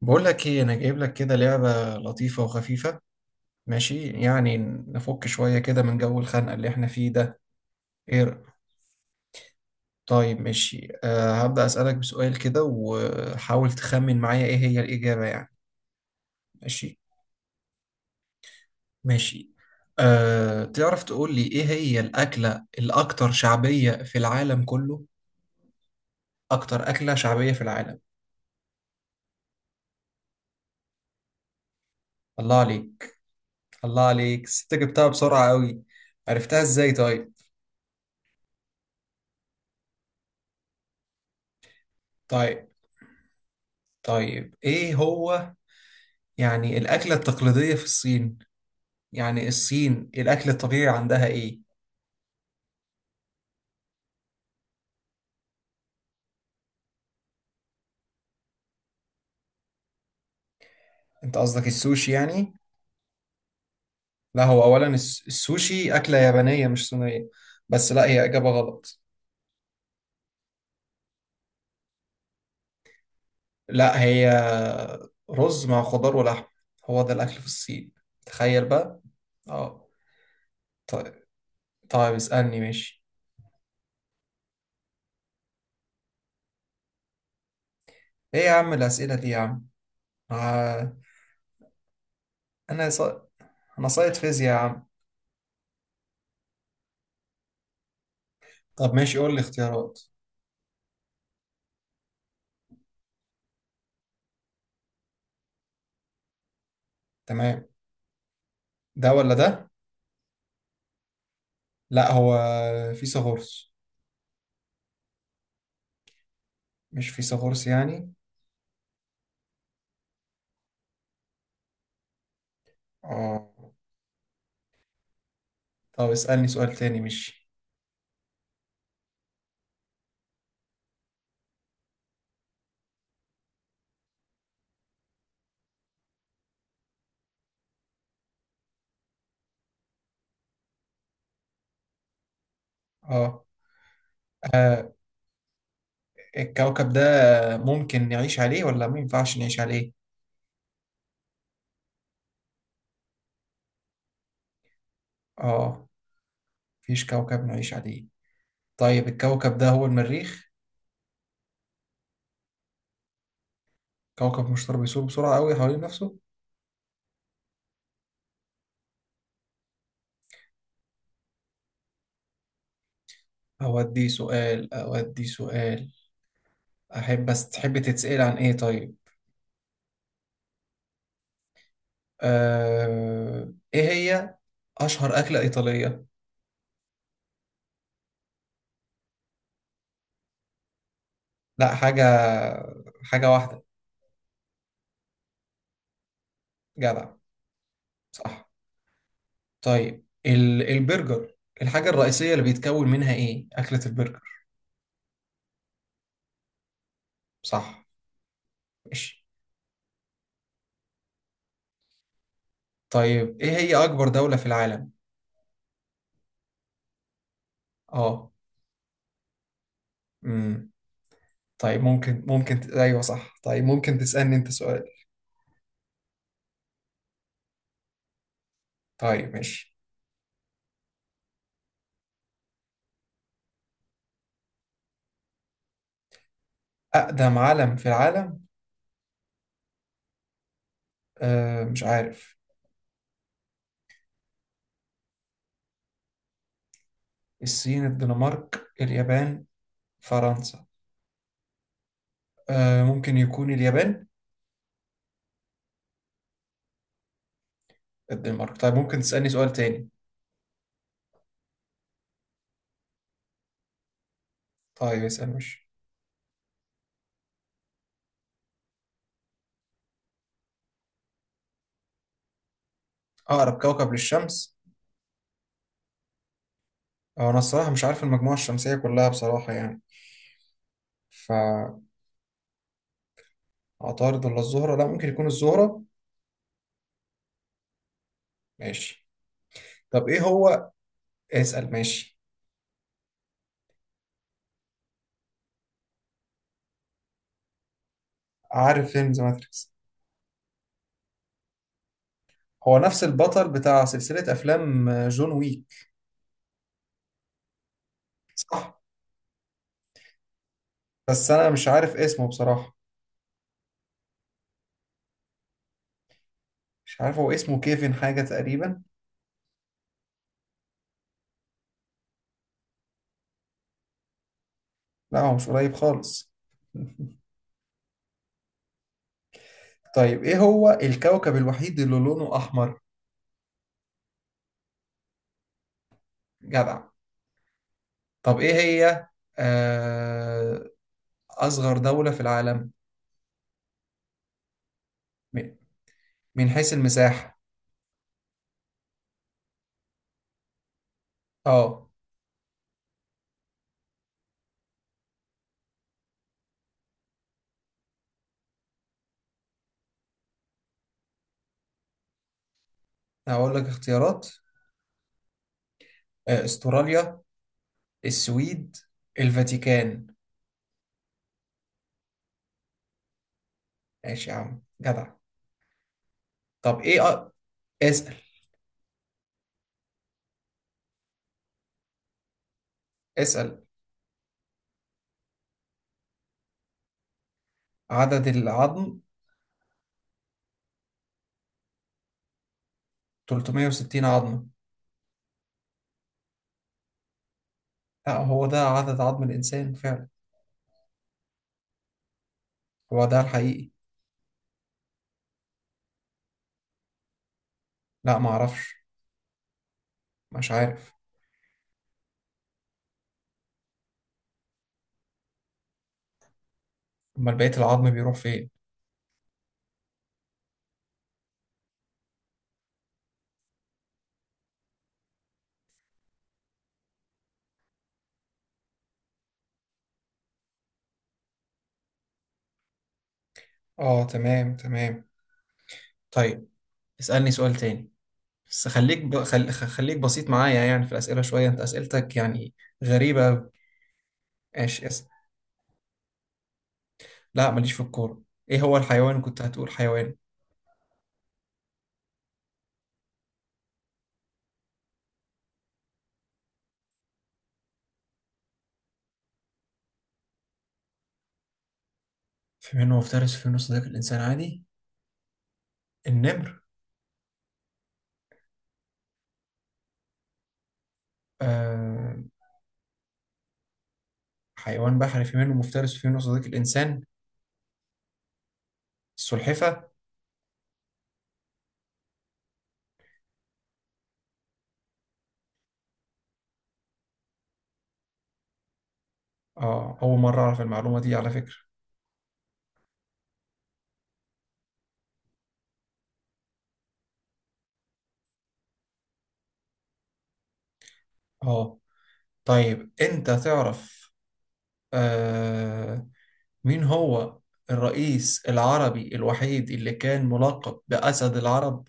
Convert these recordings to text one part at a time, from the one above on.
بقول لك ايه انا جايب لك كده لعبة لطيفة وخفيفة. ماشي يعني. نفك شوية كده من جو الخنقة اللي احنا فيه ده. ايه رأيك؟ طيب ماشي، هبدأ أسألك بسؤال كده وحاول تخمن معايا ايه هي الإجابة يعني. ماشي. ماشي، تعرف تقول لي ايه هي الأكلة الأكثر شعبية في العالم كله؟ أكتر أكلة شعبية في العالم. الله عليك. الله عليك، ست جبتها بسرعة قوي. عرفتها ازاي طيب؟ طيب. طيب ايه هو يعني الأكلة التقليدية في الصين؟ يعني الصين الأكل الطبيعي عندها إيه؟ أنت قصدك السوشي يعني؟ لا هو أولا السوشي أكلة يابانية مش صينية. بس لا، هي إجابة غلط. لا، هي رز مع خضار ولحم. هو ده الأكل في الصين. تخيل بقى. اه. طيب. طيب اسألني ماشي. إيه يا عم الأسئلة دي يا عم؟ آه. أنا ص... أنا صايد فيزياء يا عم. طب ماشي قول لي اختيارات. تمام. ده ولا ده؟ لا، هو فيثاغورس. مش فيثاغورس يعني. اه. طب اسألني سؤال تاني مش... اه. آه، الكوكب ده ممكن نعيش عليه ولا ما ينفعش نعيش عليه؟ اه، مفيش كوكب نعيش عليه. طيب الكوكب ده هو المريخ. كوكب مشتار بيسوق بسرعة قوي حوالين نفسه. اودي سؤال اودي سؤال. احب بس تحب تتسأل عن ايه طيب؟ ايه هي اشهر أكلة إيطالية؟ لا حاجة. حاجة واحدة. جدع. صح. طيب البرجر. الحاجة الرئيسية اللي بيتكون منها ايه؟ أكلة البرجر. صح. ماشي. طيب ايه هي أكبر دولة في العالم؟ اه. امم. طيب ممكن ايوه صح، طيب ممكن تسألني انت سؤال. طيب ماشي. أقدم علم في العالم. مش عارف. الصين الدنمارك اليابان فرنسا. ممكن يكون اليابان. الدنمارك، طيب ممكن تسألني سؤال تاني. طيب اسأل مش... أقرب كوكب للشمس. أو أنا الصراحة مش عارف المجموعة الشمسية كلها بصراحة يعني. فعطارد ولا الزهرة، لا ممكن يكون الزهرة. ماشي. طب ايه هو... اسأل ماشي. عارف فيلم ذا ماتريكس. هو نفس البطل بتاع سلسلة أفلام جون ويك. صح. بس أنا مش عارف اسمه بصراحة. مش عارف، هو اسمه كيفن حاجة تقريبا. لا هو مش قريب خالص. طيب ايه هو الكوكب الوحيد اللي لونه أحمر؟ جدع. طب ايه هي آه، أصغر دولة في العالم؟ من من حيث المساحة. اه. هقول لك اختيارات. استراليا، السويد، الفاتيكان. ماشي يا عم جدع. طب ايه أ... اسأل. اسأل. عدد العظم. 360 عظمة. لا هو ده عدد عظم الإنسان فعلا. هو ده الحقيقي. لا ما اعرفش. مش عارف. امال بقية العظم بيروح فين؟ اه تمام تمام. طيب اسألني سؤال تاني. بس خليك خليك بسيط معايا يعني في الأسئلة شوية، انت أسئلتك يعني غريبة أوي. ماشي اسأل. لا ماليش في الكورة. ايه هو الحيوان، كنت هتقول حيوان؟ في منه مفترس وفي منه صديق الإنسان عادي؟ النمر. آه. حيوان بحري في منه مفترس وفي منه صديق الإنسان. السلحفة. أول مرة أعرف المعلومة دي على فكرة. آه طيب أنت تعرف آه مين هو الرئيس العربي الوحيد اللي كان ملقب بأسد العرب؟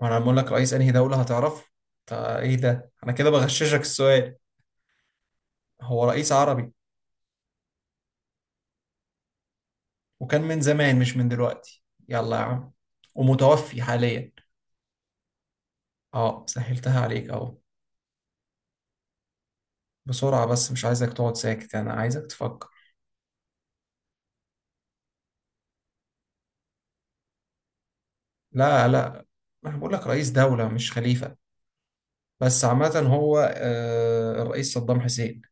وأنا بقول لك رئيس أنهي دولة هتعرفه. إيه ده، أنا كده بغششك السؤال. هو رئيس عربي. وكان من زمان مش من دلوقتي. يلا يا عم. ومتوفي حاليا. اه سهلتها عليك اهو. بسرعة بس مش عايزك تقعد ساكت، انا عايزك تفكر. لا لا، انا بقول لك رئيس دولة مش خليفة. بس عامة هو الرئيس صدام حسين.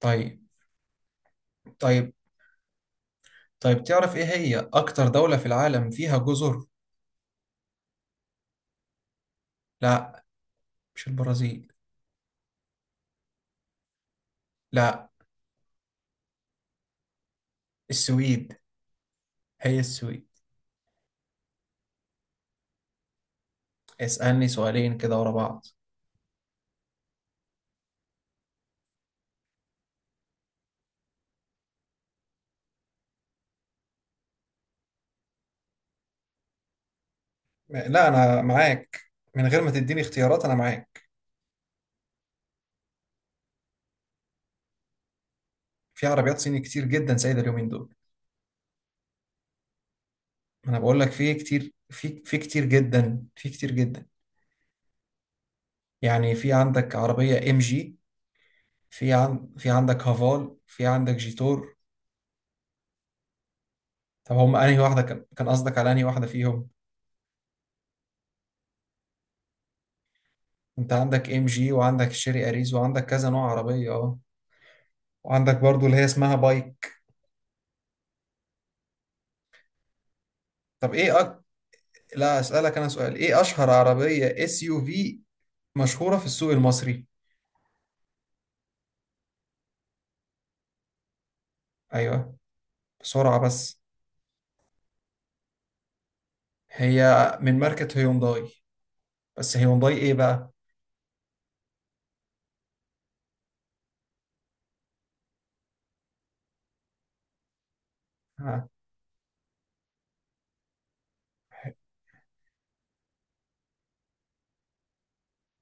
طيب. طيب. طيب تعرف ايه هي اكتر دولة في العالم فيها جزر؟ لا مش البرازيل. لا. السويد. هي السويد. اسألني سؤالين كده ورا بعض. لا انا معاك. من غير ما تديني اختيارات انا معاك. في عربيات صيني كتير جدا سايدة اليومين دول. ما انا بقول لك في كتير، في كتير جدا، في كتير جدا. يعني في عندك عربية ام جي. في عندك هافال، في عندك جيتور. طب هم انهي واحدة كان قصدك على انهي واحدة فيهم؟ انت عندك ام جي وعندك شيري اريز وعندك كذا نوع عربية اه. وعندك برضو اللي هي اسمها بايك. طب ايه أك... لا اسألك انا سؤال، ايه اشهر عربية اس يو في مشهورة في السوق المصري؟ ايوه. بسرعة بس. هي من ماركة هيونداي. بس هيونداي ايه بقى؟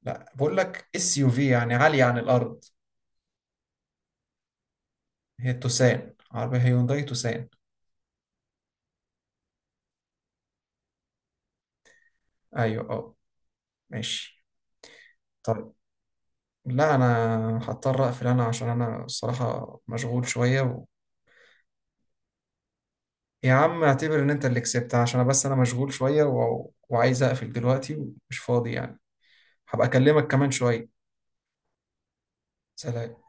لا، بقول لك اس يو في يعني عالية عن الأرض. هي توسان، عربية هيونداي توسان. أيوة أه. ماشي. طيب. لا أنا هضطر أقفل أنا عشان أنا الصراحة مشغول شوية و... يا عم اعتبر إن أنت اللي كسبت عشان أنا، بس أنا مشغول شوية و... وعايز أقفل دلوقتي ومش فاضي يعني. هبقى أكلمك كمان شوية. سلام.